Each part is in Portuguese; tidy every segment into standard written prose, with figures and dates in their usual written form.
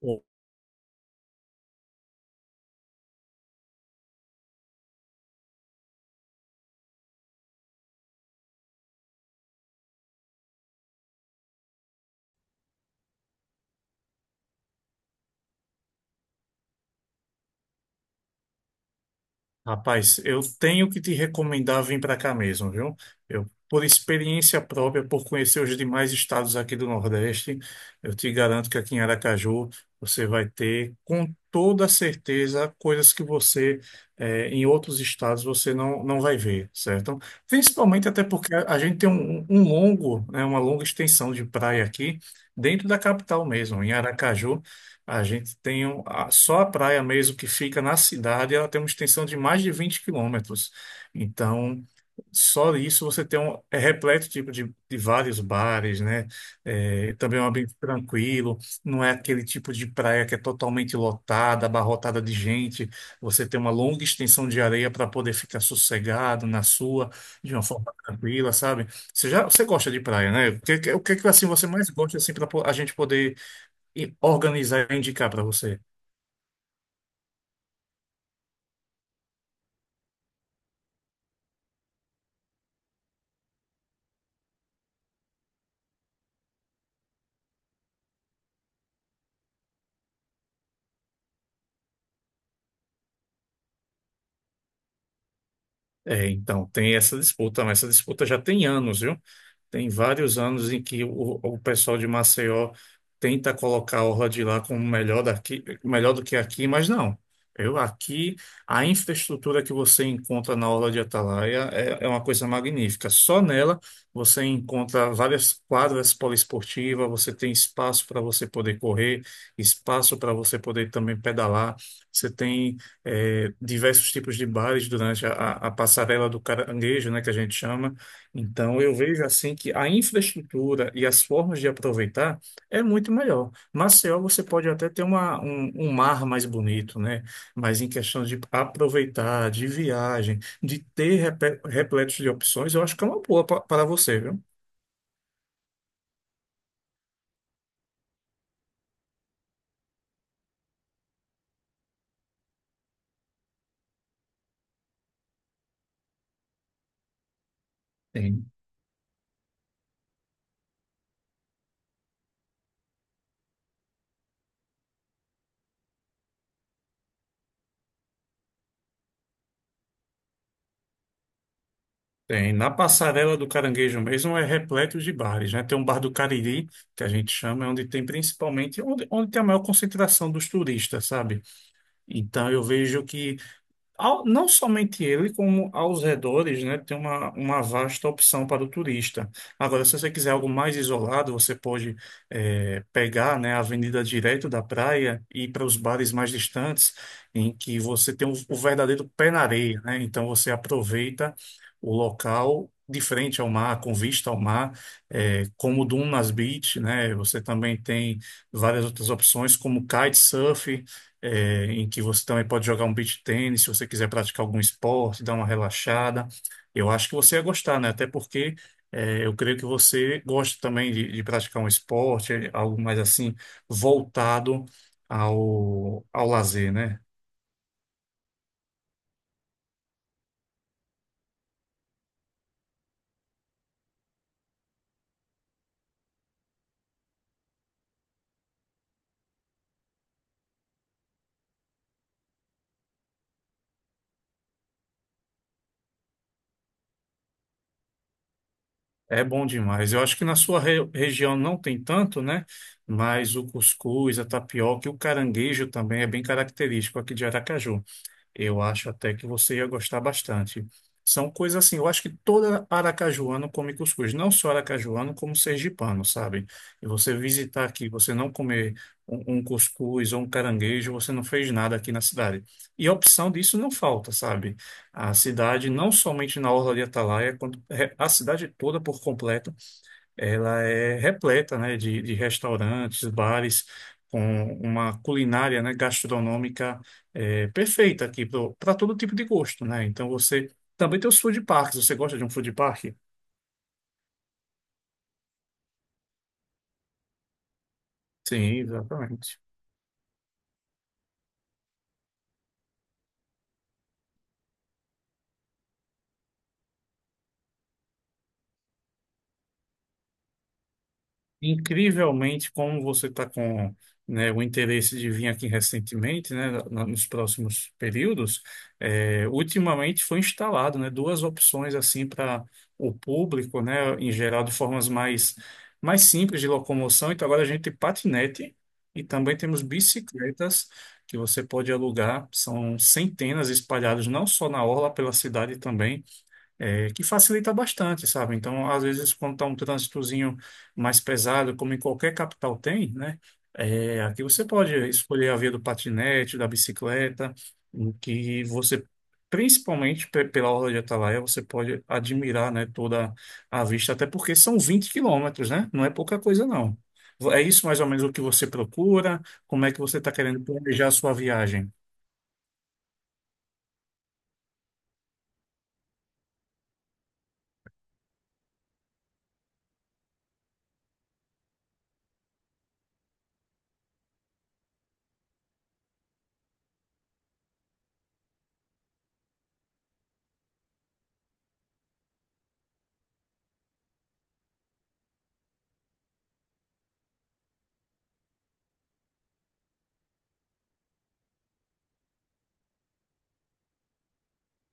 Ô, rapaz, eu tenho que te recomendar vir para cá mesmo, viu? Eu, por experiência própria, por conhecer os demais estados aqui do Nordeste, eu te garanto que aqui em Aracaju você vai ter, com toda certeza, coisas que você, em outros estados, você não vai ver, certo? Principalmente até porque a gente tem um longo, né, uma longa extensão de praia aqui, dentro da capital mesmo, em Aracaju. A gente tem só a praia mesmo que fica na cidade, ela tem uma extensão de mais de 20 quilômetros. Então, só isso você tem um é repleto tipo de vários bares, né? É, também é um ambiente tranquilo, não é aquele tipo de praia que é totalmente lotada, abarrotada de gente. Você tem uma longa extensão de areia para poder ficar sossegado na sua, de uma forma tranquila, sabe? Você gosta de praia, né? O que que, assim você mais gosta assim para a gente poder e organizar e indicar para você. É, então, tem essa disputa, mas essa disputa já tem anos, viu? Tem vários anos em que o pessoal de Maceió tenta colocar a Orla de lá como melhor daqui, melhor do que aqui, mas não. Eu aqui, a infraestrutura que você encontra na Orla de Atalaia é uma coisa magnífica. Só nela você encontra várias quadras poliesportivas, você tem espaço para você poder correr, espaço para você poder também pedalar. Você tem é, diversos tipos de bares durante a passarela do caranguejo, né, que a gente chama. Então, eu vejo assim que a infraestrutura e as formas de aproveitar é muito melhor. Maceió, você pode até ter um mar mais bonito, né? Mas em questão de aproveitar, de viagem, de ter repletos de opções, eu acho que é uma boa para você, viu? Tem. Na passarela do Caranguejo mesmo é repleto de bares, né? Tem um bar do Cariri, que a gente chama, é onde tem principalmente, onde tem a maior concentração dos turistas, sabe? Então eu vejo que não somente ele, como aos redores, né, tem uma vasta opção para o turista. Agora, se você quiser algo mais isolado, você pode pegar, né, a avenida direto da praia e ir para os bares mais distantes, em que você tem o verdadeiro pé na areia, né? Então, você aproveita o local de frente ao mar, com vista ao mar, como o Dunas Beach, né? Você também tem várias outras opções, como kitesurf, em que você também pode jogar um beach tênis, se você quiser praticar algum esporte, dar uma relaxada. Eu acho que você ia gostar, né? Até porque eu creio que você gosta também de praticar um esporte, algo mais assim, voltado ao lazer, né? É bom demais. Eu acho que na sua região não tem tanto, né? Mas o cuscuz, a tapioca e o caranguejo também é bem característico aqui de Aracaju. Eu acho até que você ia gostar bastante. São coisas assim, eu acho que toda aracajuano come cuscuz, não só aracajuano, como sergipano, sabe? E você visitar aqui, você não comer um cuscuz ou um caranguejo, você não fez nada aqui na cidade. E a opção disso não falta, sabe? A cidade, não somente na Orla de Atalaia, quanto- é, a cidade toda por completo, ela é repleta, né, de restaurantes, bares, com uma culinária, né, gastronômica perfeita aqui para todo tipo de gosto, né? Então você também tem os food parks. Você gosta de um food park? Sim, exatamente. Incrivelmente, como você está com, né, o interesse de vir aqui recentemente, né, nos próximos períodos, ultimamente foi instalado, né, duas opções assim para o público, né, em geral de formas mais simples de locomoção. Então agora a gente tem patinete e também temos bicicletas que você pode alugar. São centenas espalhadas não só na orla pela cidade também que facilita bastante, sabe? Então, às vezes, quando está um trânsitozinho mais pesado, como em qualquer capital tem, né? É, aqui você pode escolher a via do patinete, da bicicleta, em que você, principalmente pela Orla de Atalaia, você pode admirar, né, toda a vista, até porque são 20 quilômetros, né? Não é pouca coisa, não. É isso mais ou menos o que você procura? Como é que você está querendo planejar a sua viagem?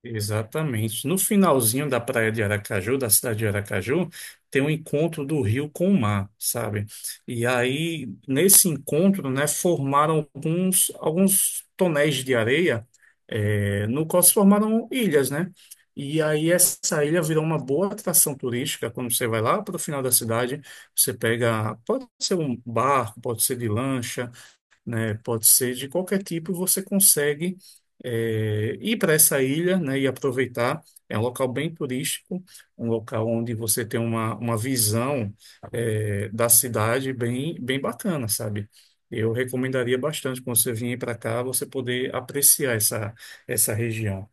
Exatamente. No finalzinho da praia de Aracaju, da cidade de Aracaju, tem um encontro do rio com o mar, sabe? E aí, nesse encontro, né, formaram alguns tonéis de areia, no qual se formaram ilhas, né? E aí, essa ilha virou uma boa atração turística quando você vai lá para o final da cidade. Você pega, pode ser um barco, pode ser de lancha, né? Pode ser de qualquer tipo, você consegue ir para essa ilha, né, e aproveitar. É um local bem turístico, um local onde você tem uma visão da cidade bem, bem bacana, sabe? Eu recomendaria bastante quando você vier para cá, você poder apreciar essa região.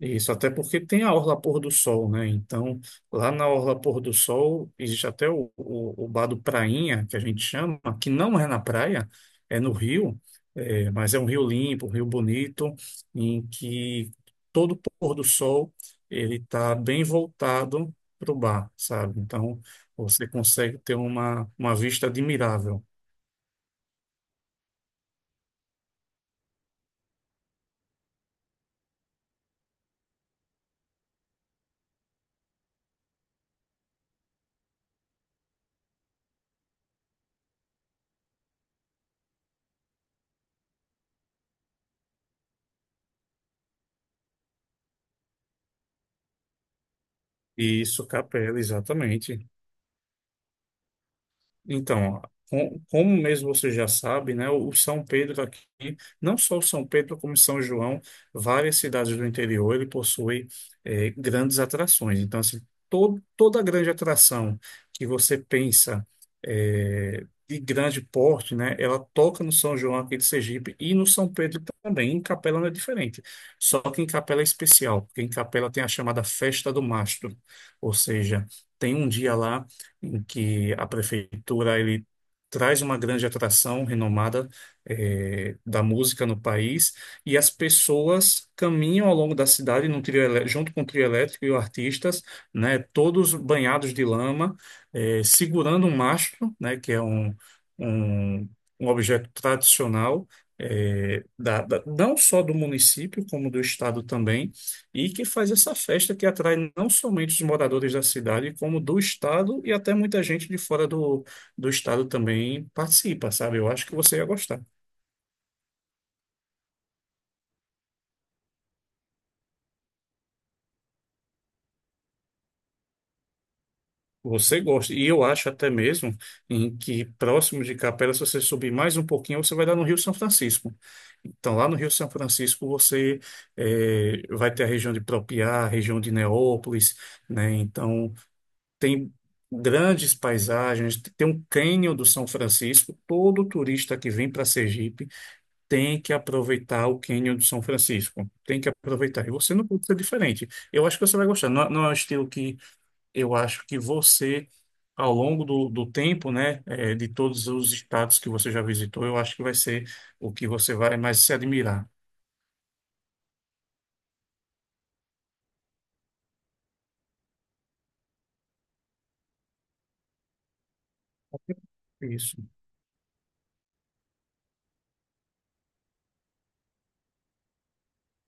Isso, até porque tem a Orla Pôr do Sol, né? Então, lá na Orla Pôr do Sol, existe até o bar do Prainha, que a gente chama, que não é na praia, é no rio, mas é um rio limpo, um rio bonito, em que todo pôr do sol ele está bem voltado para o bar, sabe? Então, você consegue ter uma vista admirável. Isso, Capela, exatamente. Então, como mesmo você já sabe, né, o São Pedro aqui, não só o São Pedro, como São João, várias cidades do interior, ele possui grandes atrações. Então, assim, todo, toda grande atração que você pensa de grande porte, né, ela toca no São João aqui de Sergipe e no São Pedro também. Em Capela não é diferente, só que em Capela é especial, porque em Capela tem a chamada Festa do Mastro, ou seja, tem um dia lá em que a prefeitura ele traz uma grande atração renomada da música no país e as pessoas caminham ao longo da cidade num junto com o trio elétrico e os artistas, né, todos banhados de lama, segurando um mastro, né, que é um, um objeto tradicional não só do município como do estado também e que faz essa festa que atrai não somente os moradores da cidade, como do estado e até muita gente de fora do estado também participa, sabe? Eu acho que você ia gostar. Você gosta. E eu acho até mesmo em que próximo de Capela, se você subir mais um pouquinho, você vai dar no Rio São Francisco. Então, lá no Rio São Francisco, você vai ter a região de Propiá, a região de Neópolis, né? Então, tem grandes paisagens, tem um cânion do São Francisco. Todo turista que vem para Sergipe tem que aproveitar o cânion do São Francisco. Tem que aproveitar. E você não pode ser diferente. Eu acho que você vai gostar. Não, não é um estilo que eu acho que você, ao longo do tempo, né, de todos os estados que você já visitou, eu acho que vai ser o que você vai mais se admirar. É isso,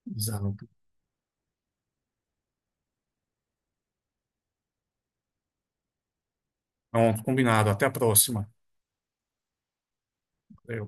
exato. Pronto, combinado. Até a próxima. Valeu.